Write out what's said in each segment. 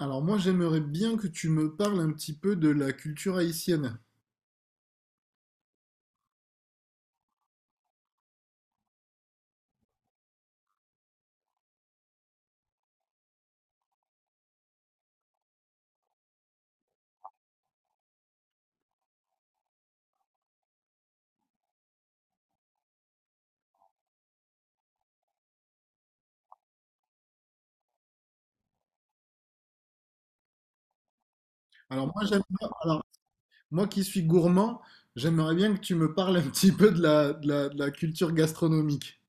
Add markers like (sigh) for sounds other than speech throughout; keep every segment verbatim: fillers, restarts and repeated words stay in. Alors moi, j'aimerais bien que tu me parles un petit peu de la culture haïtienne. Alors moi, j'aime, alors moi qui suis gourmand, j'aimerais bien que tu me parles un petit peu de la, de la, de la culture gastronomique.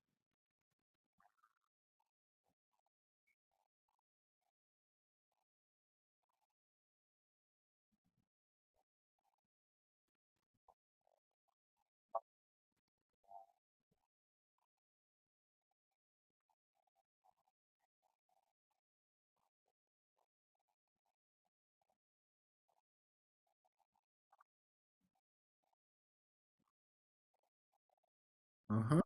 Uhum,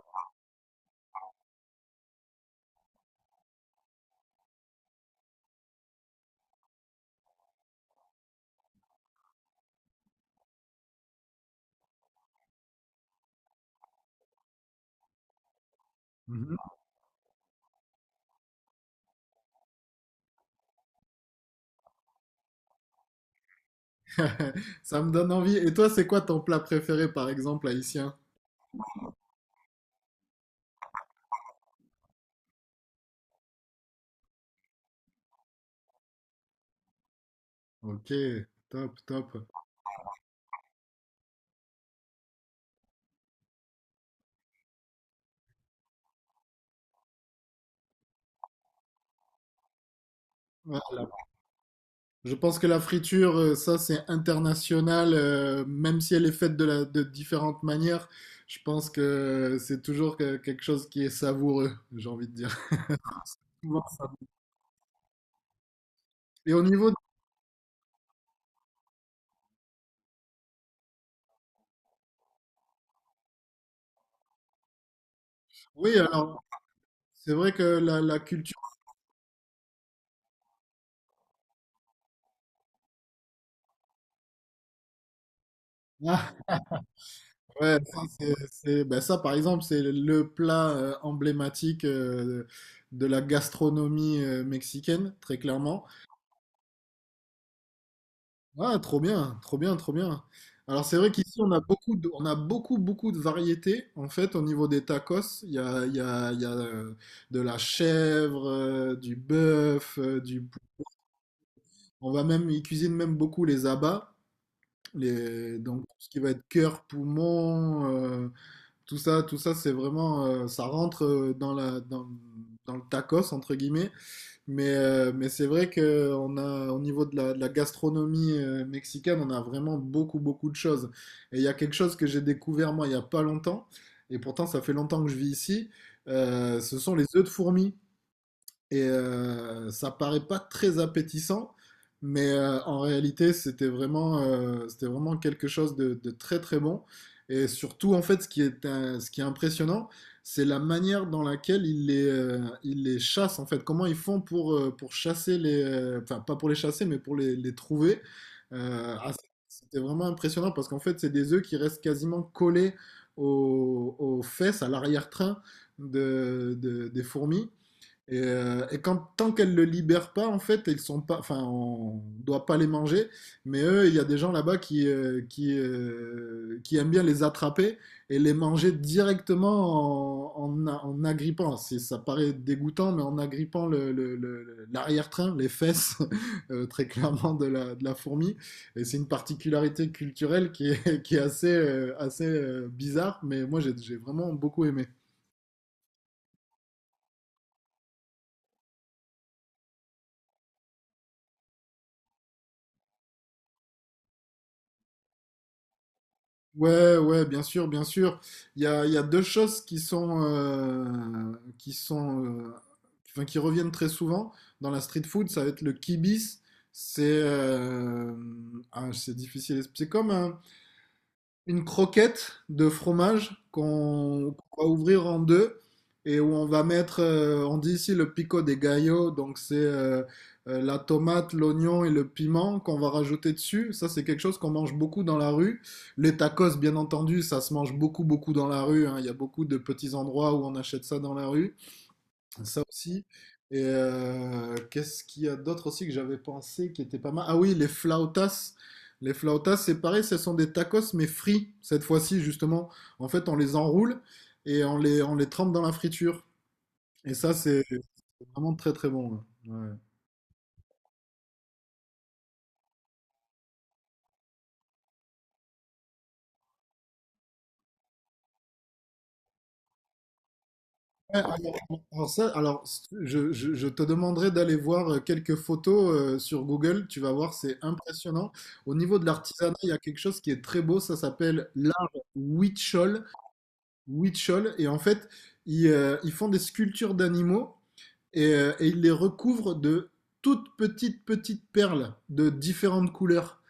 mhm. (laughs) Ça me donne envie. Et toi, c'est quoi ton plat préféré, par exemple, haïtien? Ok, top, top. Voilà. Je pense que la friture, euh, ça, c'est international, euh, même si elle est faite de, la- de différentes manières. Je pense que c'est toujours que- quelque chose qui est savoureux, j'ai envie de dire. Voir ça. Et au niveau de... Oui, alors, c'est vrai que la, la culture... Ah, ouais, ça, c'est, c'est- ben ça, par exemple, c'est le plat euh, emblématique euh, de la gastronomie euh, mexicaine, très clairement. Ah, trop bien, trop bien, trop bien. Alors, c'est vrai qu'ici, on a beaucoup de, on a beaucoup, beaucoup de variétés. En fait, au niveau des tacos, il y a, il y a, il y a euh, de la chèvre, euh, du bœuf, euh, du... pou- On va même, ils cuisinent même beaucoup les abats. Les- donc tout ce qui va être cœur, poumon, euh, tout ça, tout ça, c'est vraiment, euh, ça rentre euh, dans la, dans, dans le tacos entre guillemets. Mais, euh, mais c'est vrai que on a, au niveau de la, de la gastronomie euh, mexicaine, on a vraiment beaucoup, beaucoup de choses. Et il y a quelque chose que j'ai découvert moi il y a pas longtemps, et pourtant ça fait longtemps que je vis ici. Euh, ce sont les œufs de fourmi. Et euh, ça paraît pas très appétissant, mais euh, en réalité, c'était vraiment, euh, c'était vraiment quelque chose de, de très très bon. Et surtout, en fait, ce qui est, un- ce qui est impressionnant, c'est la manière dans laquelle ils les, euh, ils les chassent, en fait. Comment ils font pour, euh, pour chasser les... euh, enfin, pas pour les chasser, mais pour les, les trouver. Euh, ah, c'était vraiment impressionnant parce qu'en fait, c'est des œufs qui restent quasiment collés aux, aux fesses, à l'arrière-train de, de- des fourmis. Et, euh, et quand, tant qu'elles ne le libèrent pas, en fait, ils sont pas, enfin, on ne doit pas les manger. Mais eux, il y a des gens là-bas qui, euh, qui, euh, qui aiment bien les attraper et les manger directement en, en, en agrippant. C'est- Ça paraît dégoûtant, mais en agrippant le, le- le- l'arrière-train, les fesses, (laughs) euh, très clairement, de la, de la fourmi. Et c'est une particularité culturelle qui est, (laughs) qui est assez, euh, assez euh, bizarre, mais moi, j'ai j'ai vraiment beaucoup aimé. Ouais, ouais, bien sûr, bien sûr. Il y a, il y a deux choses qui sont, euh, qui sont, euh, qui, enfin, qui reviennent très souvent dans la street food. Ça va être le kibis. C'est, euh, ah, c'est difficile. C'est comme un, une croquette de fromage qu'on qu'on va ouvrir en deux et où on va mettre, euh, on dit ici le pico de gallo, donc c'est euh, euh, la tomate, l'oignon et le piment qu'on va rajouter dessus. Ça, c'est quelque chose qu'on mange beaucoup dans la rue. Les tacos, bien entendu, ça se mange beaucoup, beaucoup dans la rue, hein. Il y a beaucoup de petits endroits où on achète ça dans la rue. Ça aussi. Et euh, qu'est-ce qu'il y a d'autre aussi que j'avais pensé qui était pas mal? Ah oui, les flautas. Les flautas, c'est pareil, ce sont des tacos mais frits cette fois-ci justement. En fait, on les enroule et on les, on les trempe dans la friture. Et ça, c'est c'est vraiment très très bon. Ouais. Ouais. Ouais, alors, alors ça, alors je, je- je te demanderai d'aller voir euh, quelques photos euh, sur Google. Tu vas voir, c'est impressionnant. Au niveau de l'artisanat, il y a quelque chose qui est très beau. Ça s'appelle l'art huichol. Huichol, et en fait, ils, euh, ils font des sculptures d'animaux et, euh, et ils les recouvrent de toutes petites, petites perles de différentes couleurs.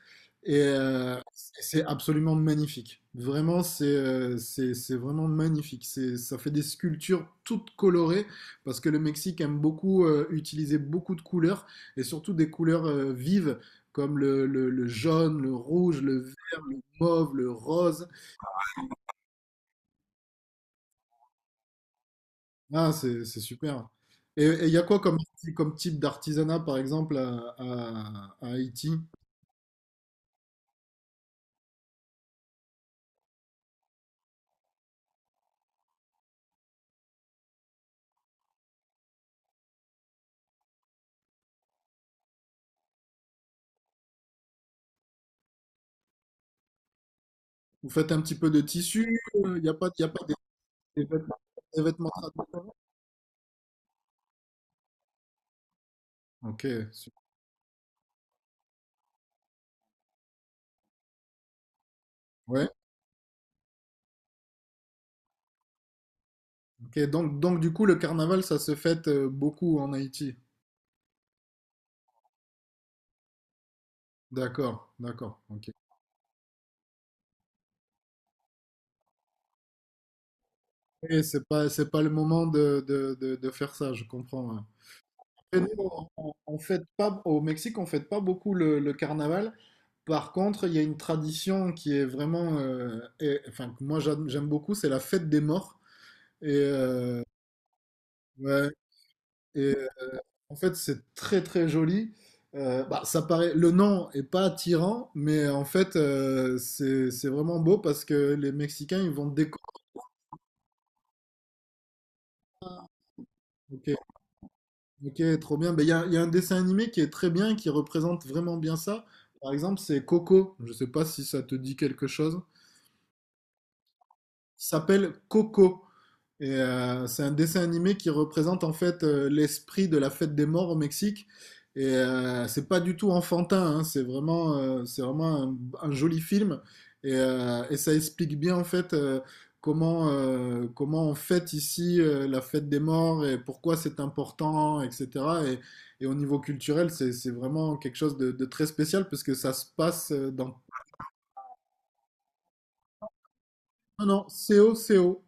Et euh, c'est absolument magnifique. Vraiment, c'est euh, c'est c'est vraiment magnifique. C'est ça fait des sculptures toutes colorées parce que le Mexique aime beaucoup euh, utiliser beaucoup de couleurs et surtout des couleurs euh, vives comme le, le, le jaune, le rouge, le vert, le mauve, le rose. Ah, c'est c'est super. Et il y a quoi comme, comme type d'artisanat, par exemple, à, à- à Haïti? Vous faites un petit peu de tissu? Il n'y a pas, y a pas des, des vêtements, des vêtements traditionnels? Ok, su- ouais. Ok, donc, donc du coup, le carnaval, ça se fête euh, beaucoup en Haïti. D'accord, d'accord, ok. Et c'est pas, c'est pas le moment de, de- de- de faire ça, je comprends. Ouais. Et nous, on, on- on fête pas, au Mexique, on fête pas beaucoup le, le carnaval. Par contre, il y a une tradition qui est vraiment, euh, et- enfin que moi j'aime j'aime beaucoup, c'est la fête des morts. Et euh, ouais, et euh, en fait c'est très très joli. Euh, bah, ça paraît, le nom est pas attirant, mais en fait euh, c'est c'est vraiment beau parce que les Mexicains ils vont décorer. Ok, ok, trop bien. Ben il y a, il y a un dessin animé qui est très bien, qui représente vraiment bien ça. Par exemple, c'est Coco. Je sais pas si ça te dit quelque chose. S'appelle Coco. Et euh, c'est un dessin animé qui représente en fait euh, l'esprit de la fête des morts au Mexique. Et euh, c'est pas du tout enfantin, hein, c'est vraiment, euh, c'est vraiment un, un joli film. Et, euh, et ça explique bien en fait euh, comment, euh, comment on fête ici euh, la fête des morts et pourquoi c'est important, et cetera. Et, et au niveau culturel, c'est, c'est vraiment quelque chose de, de très spécial parce que ça se passe euh, dans... Non, non, C O C O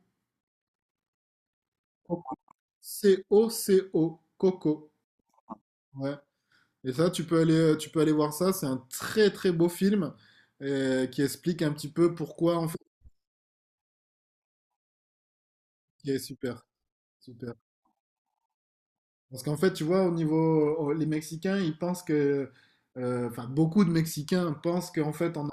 C-O-C-O, Coco. Ouais. Et ça, tu peux aller, tu peux aller voir ça. C'est un très très beau film euh, qui explique un petit peu pourquoi en fait. Qui est super, super. Parce qu'en fait, tu vois, au niveau, au- les Mexicains, ils pensent que, euh, enfin, beaucoup de Mexicains pensent qu'en fait, en.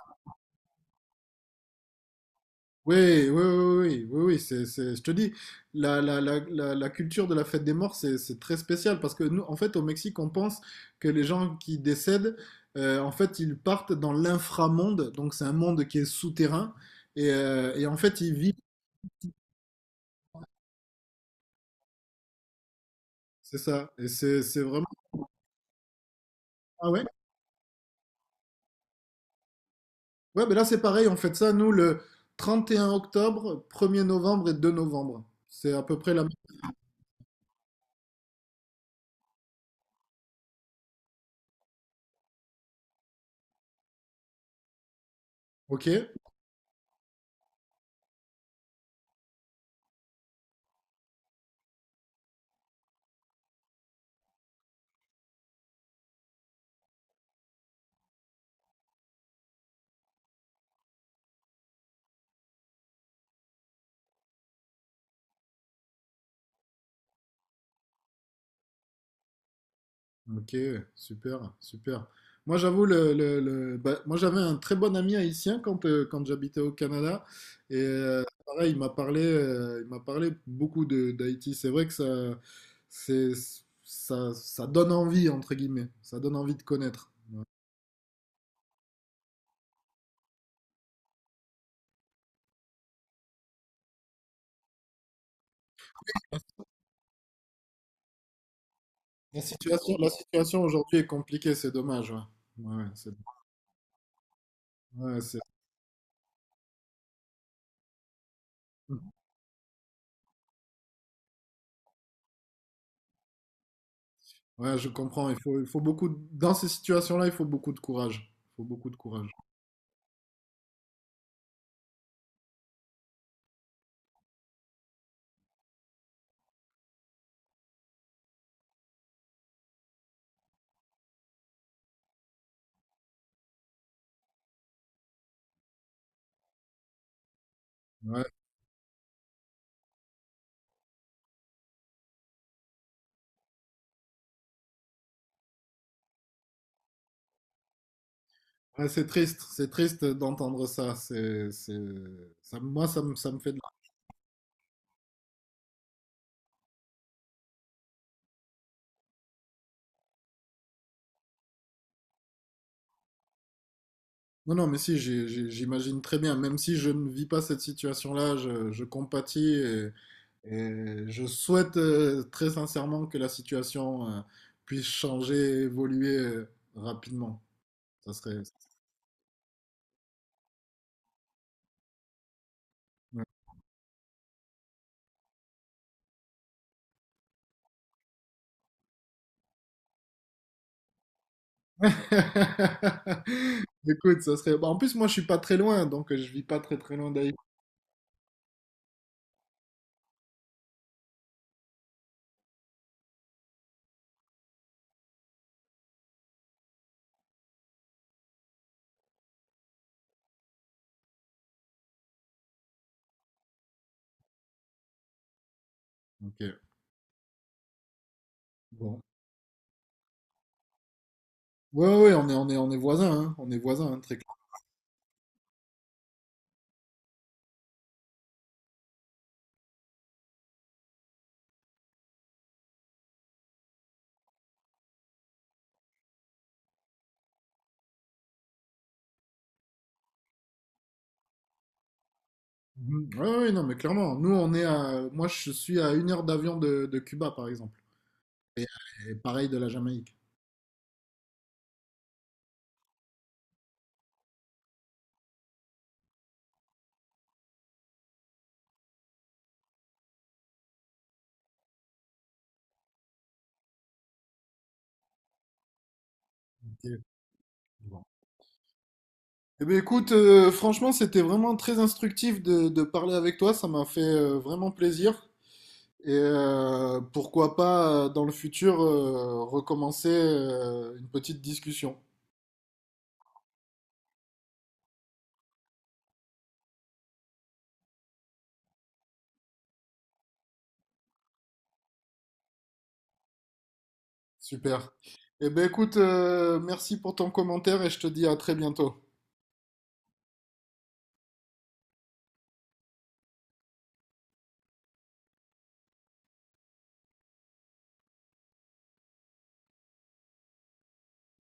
Oui, oui, oui, oui, oui, oui, c'est, c'est- je te dis, la, la, la, la, la culture de la fête des morts, c'est, c'est très spécial parce que nous, en fait, au Mexique, on pense que les gens qui décèdent, euh, en fait, ils partent dans l'inframonde, donc c'est un monde qui est souterrain, et, euh, et en fait, ils vivent, c'est ça, et c'est, c'est vraiment. Ah ouais? Ouais, mais là, c'est pareil, on fait ça, nous, le trente et un octobre, premier novembre et deux novembre. C'est à peu près la même. Ok? Ok, super, super. Moi, j'avoue, le, le- le- bah, moi, j'avais un très bon ami haïtien quand, euh, quand j'habitais au Canada. Et euh, pareil, il m'a parlé, euh, il m'a parlé beaucoup de d'Haïti. C'est vrai que ça, c'est, ça, ça donne envie, entre guillemets. Ça donne envie de connaître. La situation, la situation aujourd'hui est compliquée, c'est dommage. Ouais, ouais, ouais, c'est, ouais, c'est- ouais, je comprends. Il faut, il faut beaucoup, de- dans ces situations-là, il faut beaucoup de courage. Il faut beaucoup de courage. Ouais. Ouais, c'est triste, c'est triste d'entendre ça. C'est, c'est, ça, moi, ça me, ça me fait de la... Non, non, mais si, j'ai- j'ai- j'imagine très bien. Même si je ne vis pas cette situation-là, je, je compatis et, et je souhaite euh, très sincèrement que la situation euh, puisse changer, évoluer euh, rapidement. Ça serait... Ouais. (laughs) Écoute, ça serait... bah, en plus, moi, je suis pas très loin, donc euh, je vis pas très très loin d'Haïti. Ok, bon. Ouais, ouais, on est, on est, on est voisins, hein. On est voisins, hein, très. Mhm. Ouais, ouais, non, mais clairement, nous, on est à... Moi, je suis à une heure d'avion de, de Cuba, par exemple. Et, et pareil de la Jamaïque. Ok. Bon. Eh bien, écoute, euh, franchement, c'était vraiment très instructif de, de parler avec toi. Ça m'a fait euh, vraiment plaisir. Et euh, pourquoi pas, euh, dans le futur, euh, recommencer euh, une petite discussion. Super. Eh bien, écoute, euh, merci pour ton commentaire et je te dis à très bientôt.